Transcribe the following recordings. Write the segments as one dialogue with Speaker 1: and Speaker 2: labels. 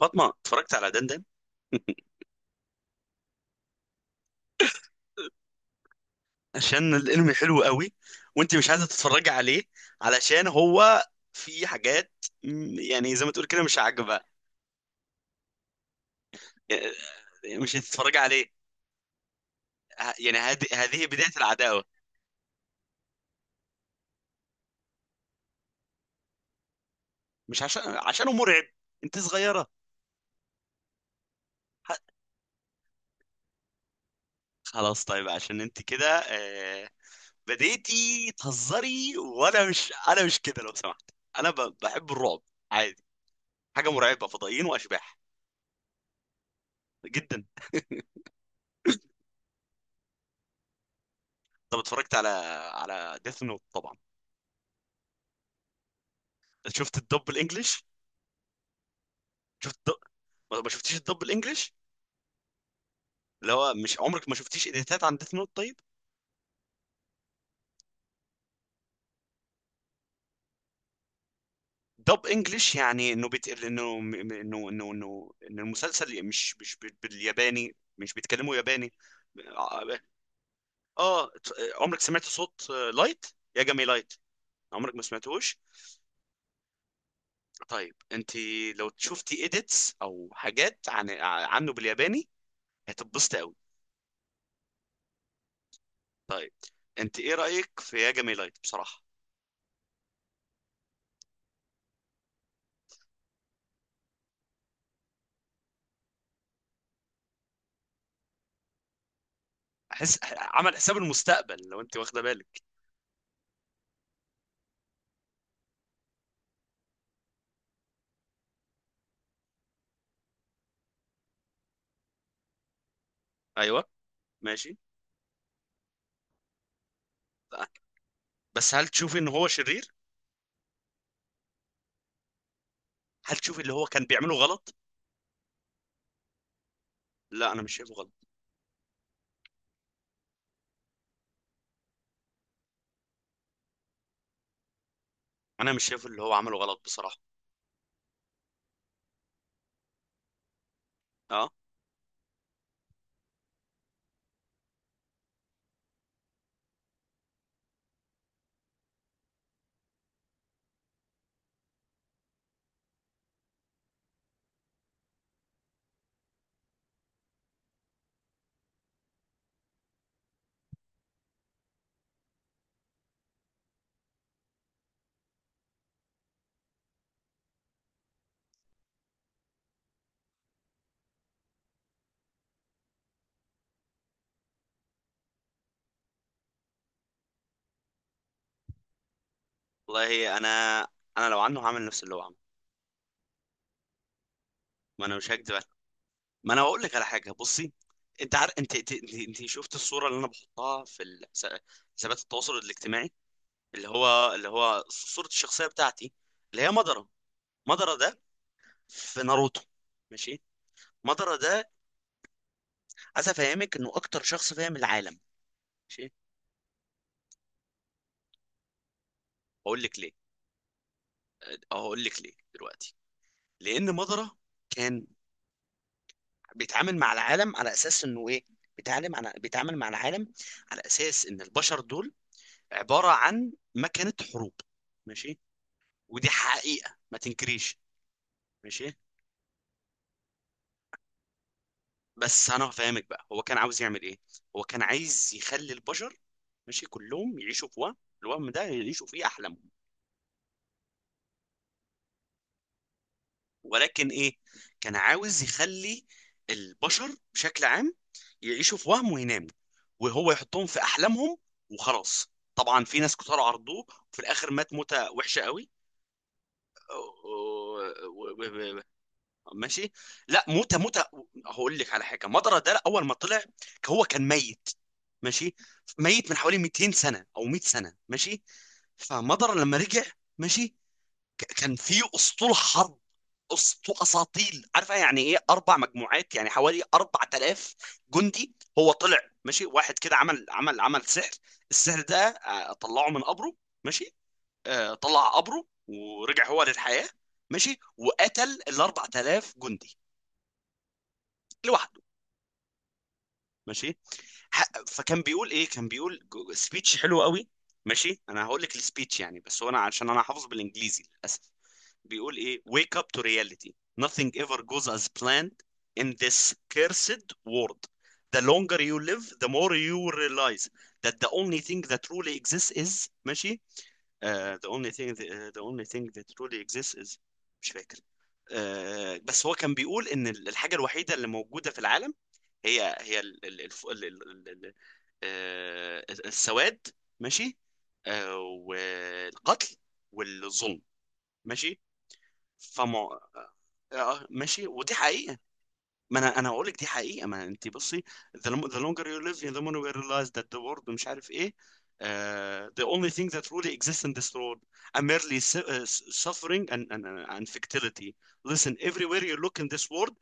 Speaker 1: فاطمه اتفرجت على دندن. عشان الانمي حلو قوي، وانت مش عايزه تتفرجي عليه، علشان هو في حاجات يعني زي ما تقول كده مش عاجبه. يعني مش هتتفرجي عليه؟ يعني هذه بدايه العداوه. مش عشانه مرعب، انت صغيره. ه- خلاص، طيب، عشان انت كده، بديتي تهزري، وانا مش كده لو سمحت. انا بحب الرعب، عادي. حاجه مرعبه، فضائيين واشباح، جدا. طب اتفرجت على، ديث نوت طبعا. شفت الدب الانجليش؟ شفت الدب... ما شفتيش الدب الانجليش؟ اللي هو، مش عمرك ما شفتيش اديتات عن ديث نوت؟ طيب. دب انجليش يعني انه بيت... انه م- م- انه انه انه ان المسلسل مش بالياباني، مش بيتكلموا ياباني. اه. آه، عمرك سمعت صوت لايت، يا جمي لايت؟ عمرك ما سمعتوش؟ طيب انت، لو شفتي اديتس او حاجات عنه بالياباني، هتتبسطي قوي. طيب، انت ايه رايك في يا جمي لايت بصراحه؟ عمل حساب المستقبل، لو انت واخده بالك. ايوه، ماشي. بس هل تشوفي ان هو شرير؟ هل تشوفي اللي هو كان بيعمله غلط؟ لا، انا مش شايفه غلط. انا مش شايف اللي هو عمله غلط بصراحه. اه. والله انا لو عنه هعمل نفس اللي هو عمله. ما انا مش هكدب عليك. ما انا هقول لك على حاجه، بصي، انت عارف، انت شفت الصوره اللي انا بحطها في حسابات التواصل الاجتماعي، اللي هو، صوره الشخصيه بتاعتي، اللي هي مدره. مدره ده في ناروتو. ماشي. مدره ده، عايز افهمك انه اكتر شخص فاهم العالم. ماشي. هقول لك ليه، هقول لك ليه دلوقتي. لان مضرة كان بيتعامل مع العالم على اساس انه ايه. بيتعامل مع العالم على اساس ان البشر دول عبارة عن مكنة حروب، ماشي، ودي حقيقة ما تنكريش. ماشي. بس انا هفهمك بقى هو كان عاوز يعمل ايه. هو كان عايز يخلي البشر، ماشي، كلهم يعيشوا في وهم، الوهم ده يعيشوا فيه احلامهم. ولكن ايه، كان عاوز يخلي البشر بشكل عام يعيشوا في وهم ويناموا، وهو يحطهم في احلامهم. وخلاص، طبعا في ناس كتار عرضوه، وفي الاخر مات موتة وحشة قوي. و- و- و- ماشي. لا، موتة موتة، هقول لك على حاجة. مضرة ده اول ما طلع، هو كان ميت، ماشي، ميت من حوالي 200 سنة او 100 سنة، ماشي. فمضر لما رجع، ماشي، كان في اسطول حرب، اساطيل، عارفه يعني ايه؟ اربع مجموعات، يعني حوالي 4000 جندي، هو طلع، ماشي. واحد كده عمل سحر، السحر ده، طلعه من قبره، ماشي. طلع قبره ورجع هو للحياه، ماشي. وقتل ال 4000 جندي لوحده، ماشي. فكان بيقول ايه، كان بيقول سبيتش حلو قوي. ماشي، انا هقول لك السبيتش يعني، بس هو انا عشان انا حافظ بالانجليزي للاسف. بيقول ايه: wake up to reality, nothing ever goes as planned in this cursed world. The longer you live, the more you realize that the only thing that truly exists is، ماشي، the only thing that truly exists is، مش فاكر. بس هو كان بيقول ان الحاجه الوحيده اللي موجوده في العالم هي السواد، ماشي، والقتل والظلم، ماشي. فما، ماشي، ودي حقيقة. ما انا هقول لك دي حقيقة، ما انت بصي. The the longer you live, the more you realize that the world، مش عارف ايه. The only thing that really exists in this world are merely suffering and fertility. Listen, everywhere you look in this world،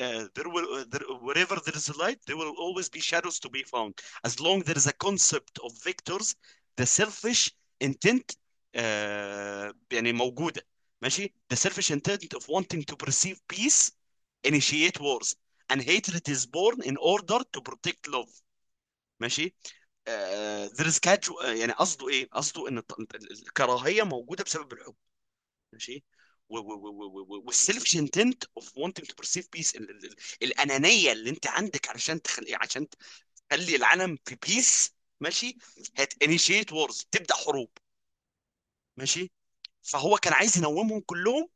Speaker 1: wherever there is a light, there will always be shadows to be found. As long there is a concept of vectors, the selfish intent، يعني موجودة، ماشي، the selfish intent of wanting to perceive peace initiate wars, and hatred is born in order to protect love، ماشي. There is casual، يعني قصده ايه، قصده ان الكراهية موجودة بسبب الحب، ماشي. والسيلف انتنت اوف wanting to perceive peace، ال ال ال الانانيه اللي انت عندك، علشان تخلي عشان تخلي العالم في بيس، ماشي. Initiate wars، تبدا حروب، ماشي. فهو كان عايز ينومهم كلهم،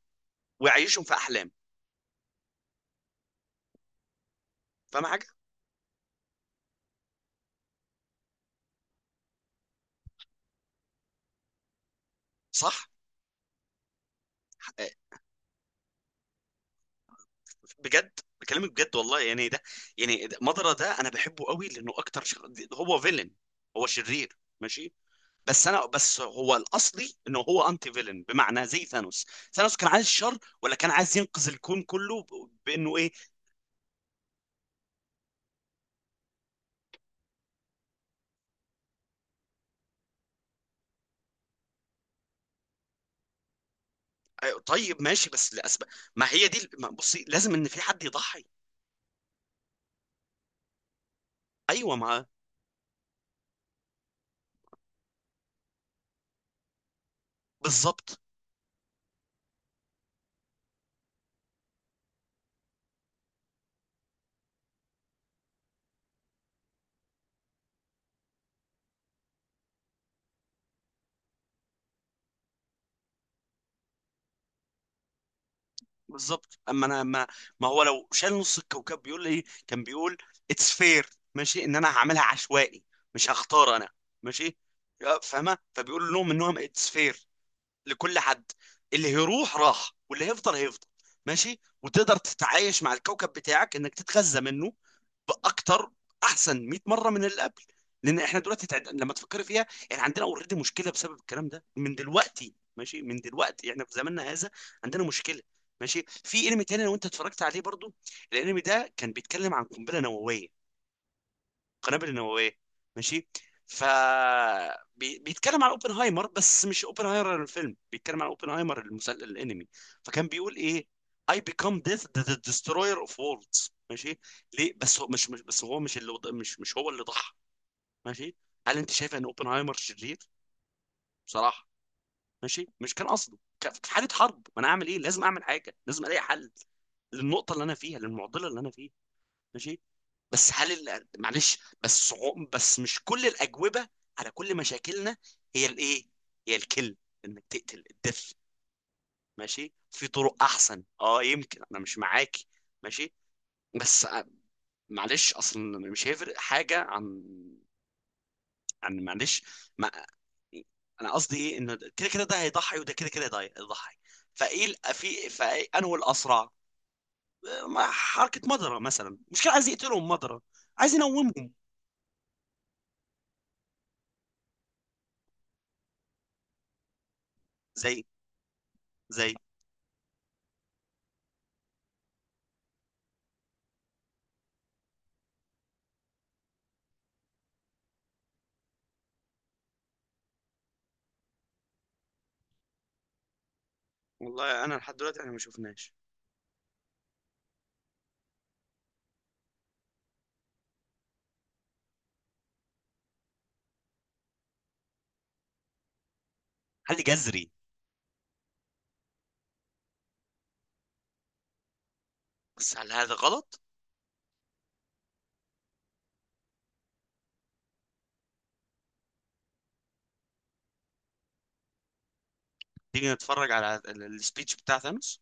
Speaker 1: ويعيشهم في احلام. فاهم حاجه؟ صح. آه، بجد بكلمك بجد والله. يعني ده، يعني مضرة ده انا بحبه قوي، لانه اكتر هو فيلن، هو شرير، ماشي. بس هو الاصلي، انه هو انتي فيلن، بمعنى زي ثانوس. ثانوس كان عايز شر، ولا كان عايز ينقذ الكون كله بانه ايه؟ طيب، ماشي، بس لاسباب، ما هي دي، ما بصي، لازم ان في حد يضحي. ايوه ما. بالظبط، بالظبط. اما انا ما، ما هو لو شال نص الكوكب، بيقول لي، كان بيقول اتس فير، ماشي، ان انا هعملها عشوائي، مش هختار انا، ماشي. فاهمه، فبيقول لهم انهم اتس فير لكل حد، اللي هيروح راح واللي هيفضل هيفضل، ماشي. وتقدر تتعايش مع الكوكب بتاعك، انك تتغذى منه باكتر، احسن 100 مره من اللي قبل. لان احنا دلوقتي لما تفكري فيها، احنا عندنا اوريدي مشكله بسبب الكلام ده من دلوقتي، ماشي، من دلوقتي احنا في زماننا هذا عندنا مشكله، ماشي. في انمي تاني لو انت اتفرجت عليه برضو، الانمي ده كان بيتكلم عن قنبله نوويه، القنابل النوويه، ماشي. ف بيتكلم عن اوبنهايمر، بس مش اوبنهايمر الفيلم، بيتكلم عن اوبنهايمر المسلسل الانمي. فكان بيقول ايه: I become death, the destroyer of worlds، ماشي. ليه؟ بس هو مش بس، هو مش مش هو اللي ضحى، ماشي. هل انت شايف ان اوبنهايمر شرير بصراحه؟ ماشي، مش كان قصده، في حاله حرب ما انا اعمل ايه، لازم اعمل حاجه، لازم الاقي حل للنقطه اللي انا فيها، للمعضله اللي انا فيها، ماشي. بس هل معلش، بس، بس مش كل الأجوبة على كل مشاكلنا هي الايه، هي الكل انك تقتل الدث، ماشي. في طرق احسن، اه، يمكن انا مش معاكي، ماشي. بس، معلش، اصلا مش هيفرق حاجة عن، معلش. ما انا قصدي ايه، انه كده كده ده هيضحي، وده كده كده ده هيضحي، فايه في فانه الاسرع. حركة مضرة مثلا، مش كان عايز يقتلهم، مضرة عايز ينومهم، زي زي. والله انا لحد دلوقتي احنا ما شفناش حل جذري. بس هل هذا غلط؟ تيجي نتفرج على السبيتش بتاع ثانوس.